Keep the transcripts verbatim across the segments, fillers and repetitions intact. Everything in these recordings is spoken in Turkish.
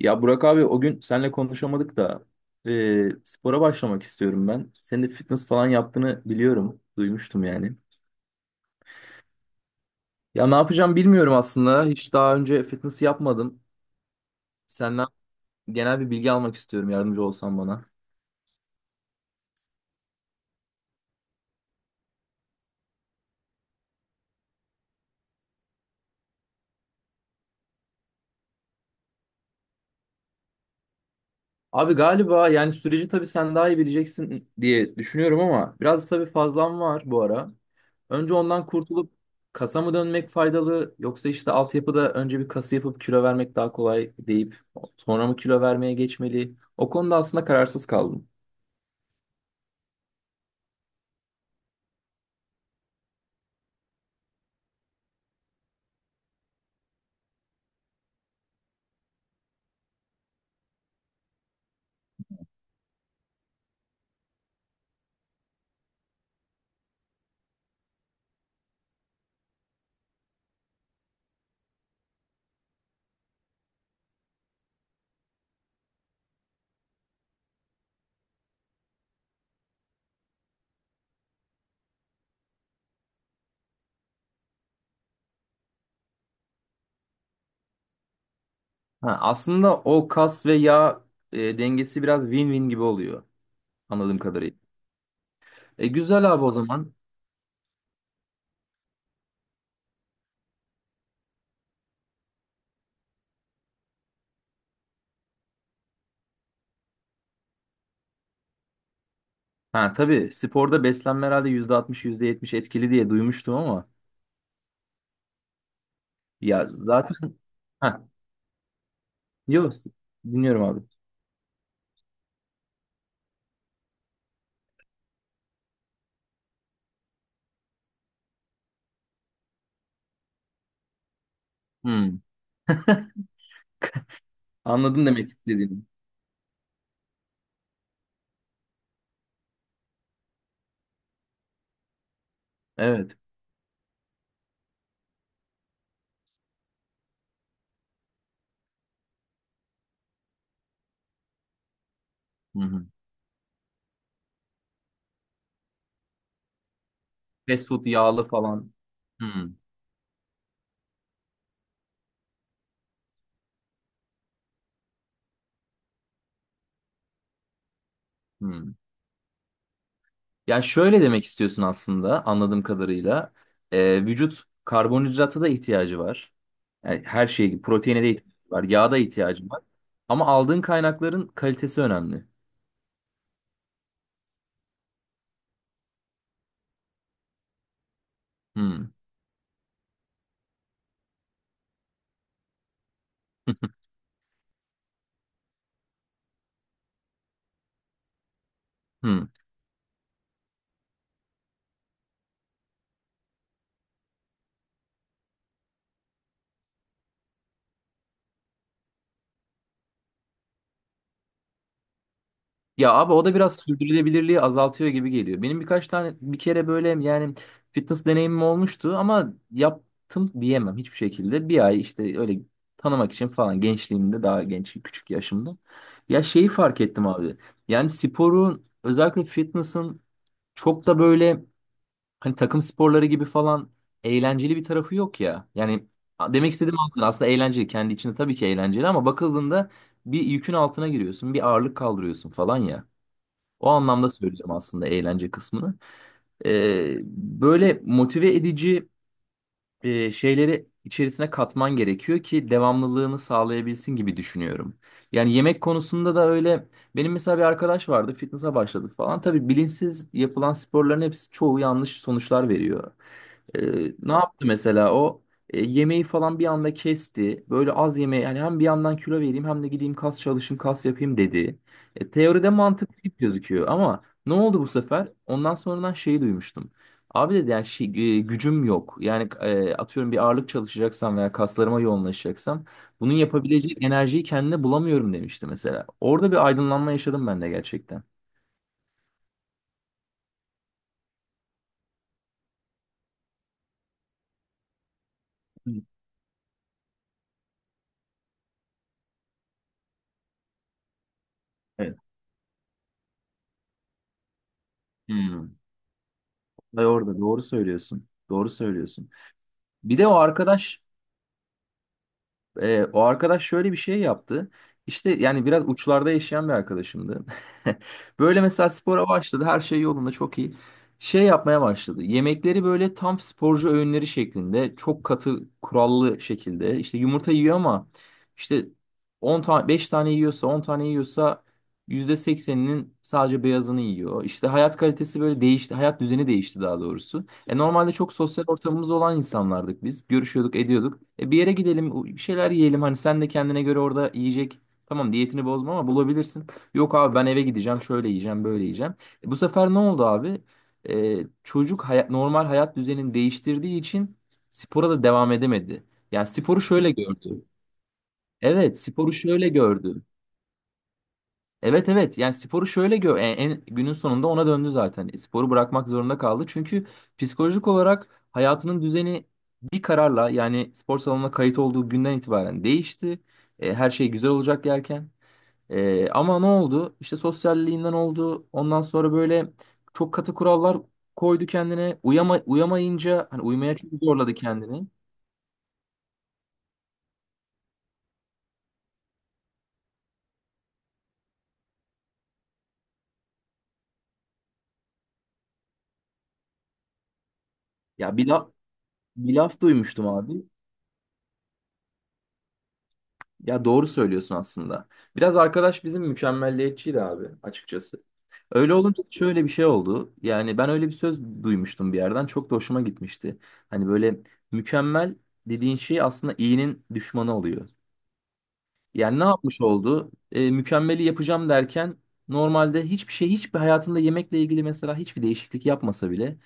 Ya Burak abi o gün seninle konuşamadık da e, spora başlamak istiyorum ben. Senin de fitness falan yaptığını biliyorum. Duymuştum yani. Ya ne yapacağım bilmiyorum aslında. Hiç daha önce fitness yapmadım. Senden genel bir bilgi almak istiyorum. Yardımcı olsan bana. Abi galiba yani süreci tabii sen daha iyi bileceksin diye düşünüyorum ama biraz tabii fazlam var bu ara. Önce ondan kurtulup kasa mı dönmek faydalı yoksa işte altyapıda önce bir kası yapıp kilo vermek daha kolay deyip sonra mı kilo vermeye geçmeli? O konuda aslında kararsız kaldım. Ha, aslında o kas ve yağ e, dengesi biraz win-win gibi oluyor anladığım kadarıyla. E güzel abi o zaman. Ha tabii sporda beslenme herhalde yüzde altmış yüzde yetmiş etkili diye duymuştum ama ya zaten Yok, dinliyorum abi. Hmm, anladım demek istediğini. Evet. Hı hı. Fast food yağlı falan. Hmm, hmm. Ya şöyle demek istiyorsun aslında anladığım kadarıyla. Ee, vücut karbonhidrata da ihtiyacı var. Yani her şeye, gibi, proteine de ihtiyacı var, yağa da ihtiyacı var. Ama aldığın kaynakların kalitesi önemli. Hmm. Hmm. Ya abi o da biraz sürdürülebilirliği azaltıyor gibi geliyor. Benim birkaç tane bir kere böyle yani fitness deneyimim olmuştu ama yaptım diyemem hiçbir şekilde. Bir ay işte öyle tanımak için falan gençliğimde daha genç küçük yaşımda. Ya şeyi fark ettim abi. Yani sporun özellikle fitness'ın çok da böyle hani takım sporları gibi falan eğlenceli bir tarafı yok ya. Yani demek istediğim aslında eğlenceli kendi içinde tabii ki eğlenceli ama bakıldığında bir yükün altına giriyorsun, bir ağırlık kaldırıyorsun falan ya. O anlamda söyleyeceğim aslında eğlence kısmını. Ee, böyle motive edici e, şeyleri içerisine katman gerekiyor ki devamlılığını sağlayabilsin gibi düşünüyorum. Yani yemek konusunda da öyle. Benim mesela bir arkadaş vardı, fitness'a başladı falan. Tabii bilinçsiz yapılan sporların hepsi çoğu yanlış sonuçlar veriyor. Ee, ne yaptı mesela o? E, yemeği falan bir anda kesti. Böyle az yemeği yani hem bir yandan kilo vereyim hem de gideyim kas çalışayım kas yapayım dedi. E, teoride mantıklı gibi gözüküyor ama ne oldu bu sefer? Ondan sonradan şeyi duymuştum. Abi dedi yani şey, e, gücüm yok. Yani e, atıyorum bir ağırlık çalışacaksam veya kaslarıma yoğunlaşacaksam bunun yapabileceği enerjiyi kendine bulamıyorum demişti mesela. Orada bir aydınlanma yaşadım ben de gerçekten. Evet. Hmm. Ve orada doğru söylüyorsun. Doğru söylüyorsun. Bir de o arkadaş Ee, o arkadaş şöyle bir şey yaptı. İşte yani biraz uçlarda yaşayan bir arkadaşımdı. Böyle mesela spora başladı. Her şey yolunda çok iyi. Şey yapmaya başladı. Yemekleri böyle tam sporcu öğünleri şeklinde. Çok katı kurallı şekilde. İşte yumurta yiyor ama işte on tane beş tane yiyorsa on tane yiyorsa yüzde sekseninin sadece beyazını yiyor. İşte hayat kalitesi böyle değişti. Hayat düzeni değişti daha doğrusu. E normalde çok sosyal ortamımız olan insanlardık biz. Görüşüyorduk, ediyorduk. E bir yere gidelim, bir şeyler yiyelim. Hani sen de kendine göre orada yiyecek. Tamam diyetini bozma ama bulabilirsin. Yok abi ben eve gideceğim, şöyle yiyeceğim, böyle yiyeceğim. E bu sefer ne oldu abi? E, çocuk hayat, normal hayat düzenini değiştirdiği için spora da devam edemedi. Yani sporu şöyle gördü. Evet, sporu şöyle gördü. Evet evet yani sporu şöyle gör en, en- günün sonunda ona döndü zaten. E, sporu bırakmak zorunda kaldı. Çünkü psikolojik olarak hayatının düzeni bir kararla yani spor salonuna kayıt olduğu günden itibaren değişti. E, her şey güzel olacak derken. E, ama ne oldu? İşte sosyalliğinden oldu. Ondan sonra böyle çok katı kurallar koydu kendine. Uyama, uyamayınca hani uyumaya çok zorladı kendini. Ya bir laf, bir laf duymuştum abi. Ya doğru söylüyorsun aslında. Biraz arkadaş bizim mükemmelliyetçiydi abi açıkçası. Öyle olunca şöyle bir şey oldu. Yani ben öyle bir söz duymuştum bir yerden. Çok da hoşuma gitmişti. Hani böyle mükemmel dediğin şey aslında iyinin düşmanı oluyor. Yani ne yapmış oldu? E, mükemmeli yapacağım derken normalde hiçbir şey, hiçbir hayatında yemekle ilgili mesela hiçbir değişiklik yapmasa bile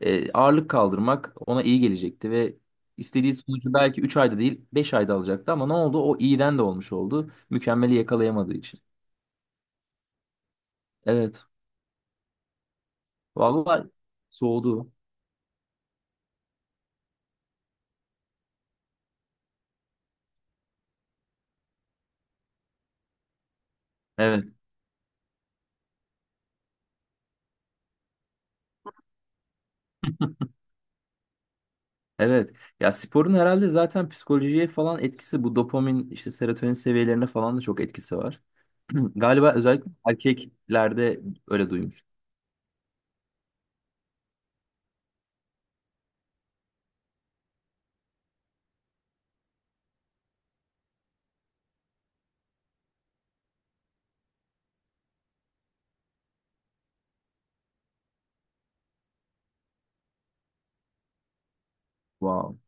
e, ağırlık kaldırmak ona iyi gelecekti ve istediği sonucu belki üç ayda değil beş ayda alacaktı ama ne oldu? O iyiden de olmuş oldu. Mükemmeli yakalayamadığı için. Evet. Vallahi soğudu. Evet. Evet. Ya sporun herhalde zaten psikolojiye falan etkisi bu dopamin işte serotonin seviyelerine falan da çok etkisi var. Galiba özellikle erkeklerde öyle duymuş. Wow.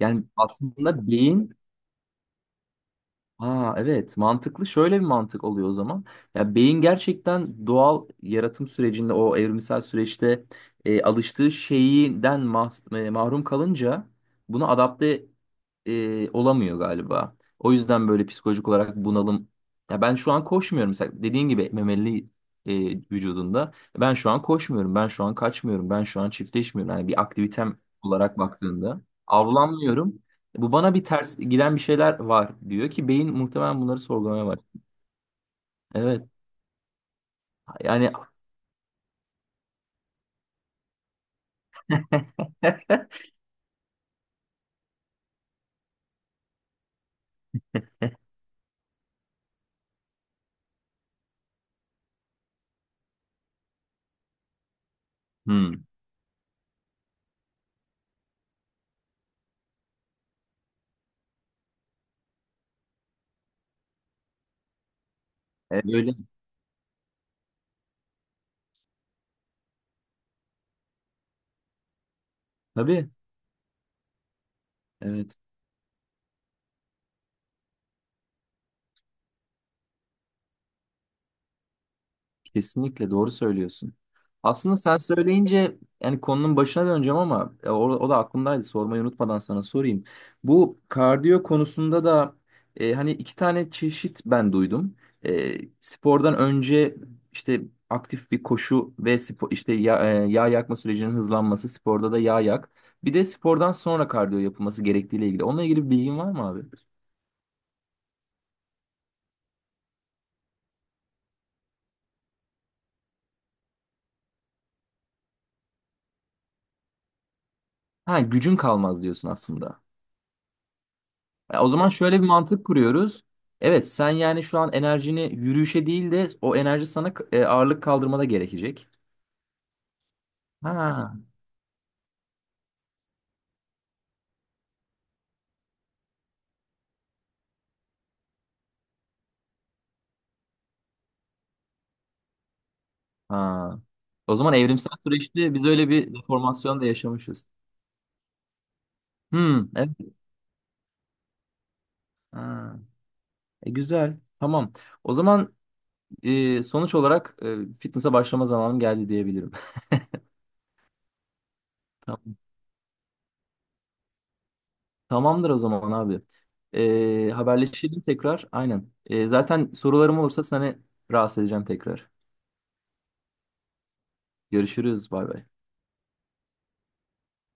Yani aslında beyin. Aa, evet mantıklı şöyle bir mantık oluyor o zaman. Ya beyin gerçekten doğal yaratım sürecinde o evrimsel süreçte e, alıştığı şeyden mah- e, mahrum kalınca buna adapte e, olamıyor galiba. O yüzden böyle psikolojik olarak bunalım. Ya ben şu an koşmuyorum mesela dediğin gibi memeli e, vücudunda. Ben şu an koşmuyorum, ben şu an kaçmıyorum, ben şu an çiftleşmiyorum. Yani bir aktivitem olarak baktığında avlanmıyorum. Bu bana bir ters giden bir şeyler var diyor ki beyin muhtemelen bunları sorgulamaya var. Evet. Yani. Hmm. Evet, öyle. Tabii. Evet. Kesinlikle doğru söylüyorsun. Aslında sen söyleyince yani konunun başına döneceğim ama e, o, o da aklımdaydı sormayı unutmadan sana sorayım. Bu kardiyo konusunda da e, hani iki tane çeşit ben duydum. E, spordan önce işte aktif bir koşu ve spor, işte ya, e, yağ yakma sürecinin hızlanması sporda da yağ yak. Bir de spordan sonra kardiyo yapılması gerektiğiyle ilgili. Onunla ilgili bir bilgin var mı abi? Ha gücün kalmaz diyorsun aslında. Ya o zaman şöyle bir mantık kuruyoruz. Evet, sen yani şu an enerjini yürüyüşe değil de o enerji sana e, ağırlık kaldırmada gerekecek. Ha. Ha. O zaman evrimsel süreçte biz öyle bir deformasyon da yaşamışız. Hmm, evet. Ha. E, güzel. Tamam. O zaman e, sonuç olarak e, fitness'a başlama zamanım geldi diyebilirim. Tamam. Tamamdır o zaman abi. E, haberleşelim tekrar. Aynen. E, zaten sorularım olursa seni rahatsız edeceğim tekrar. Görüşürüz. Bay bay.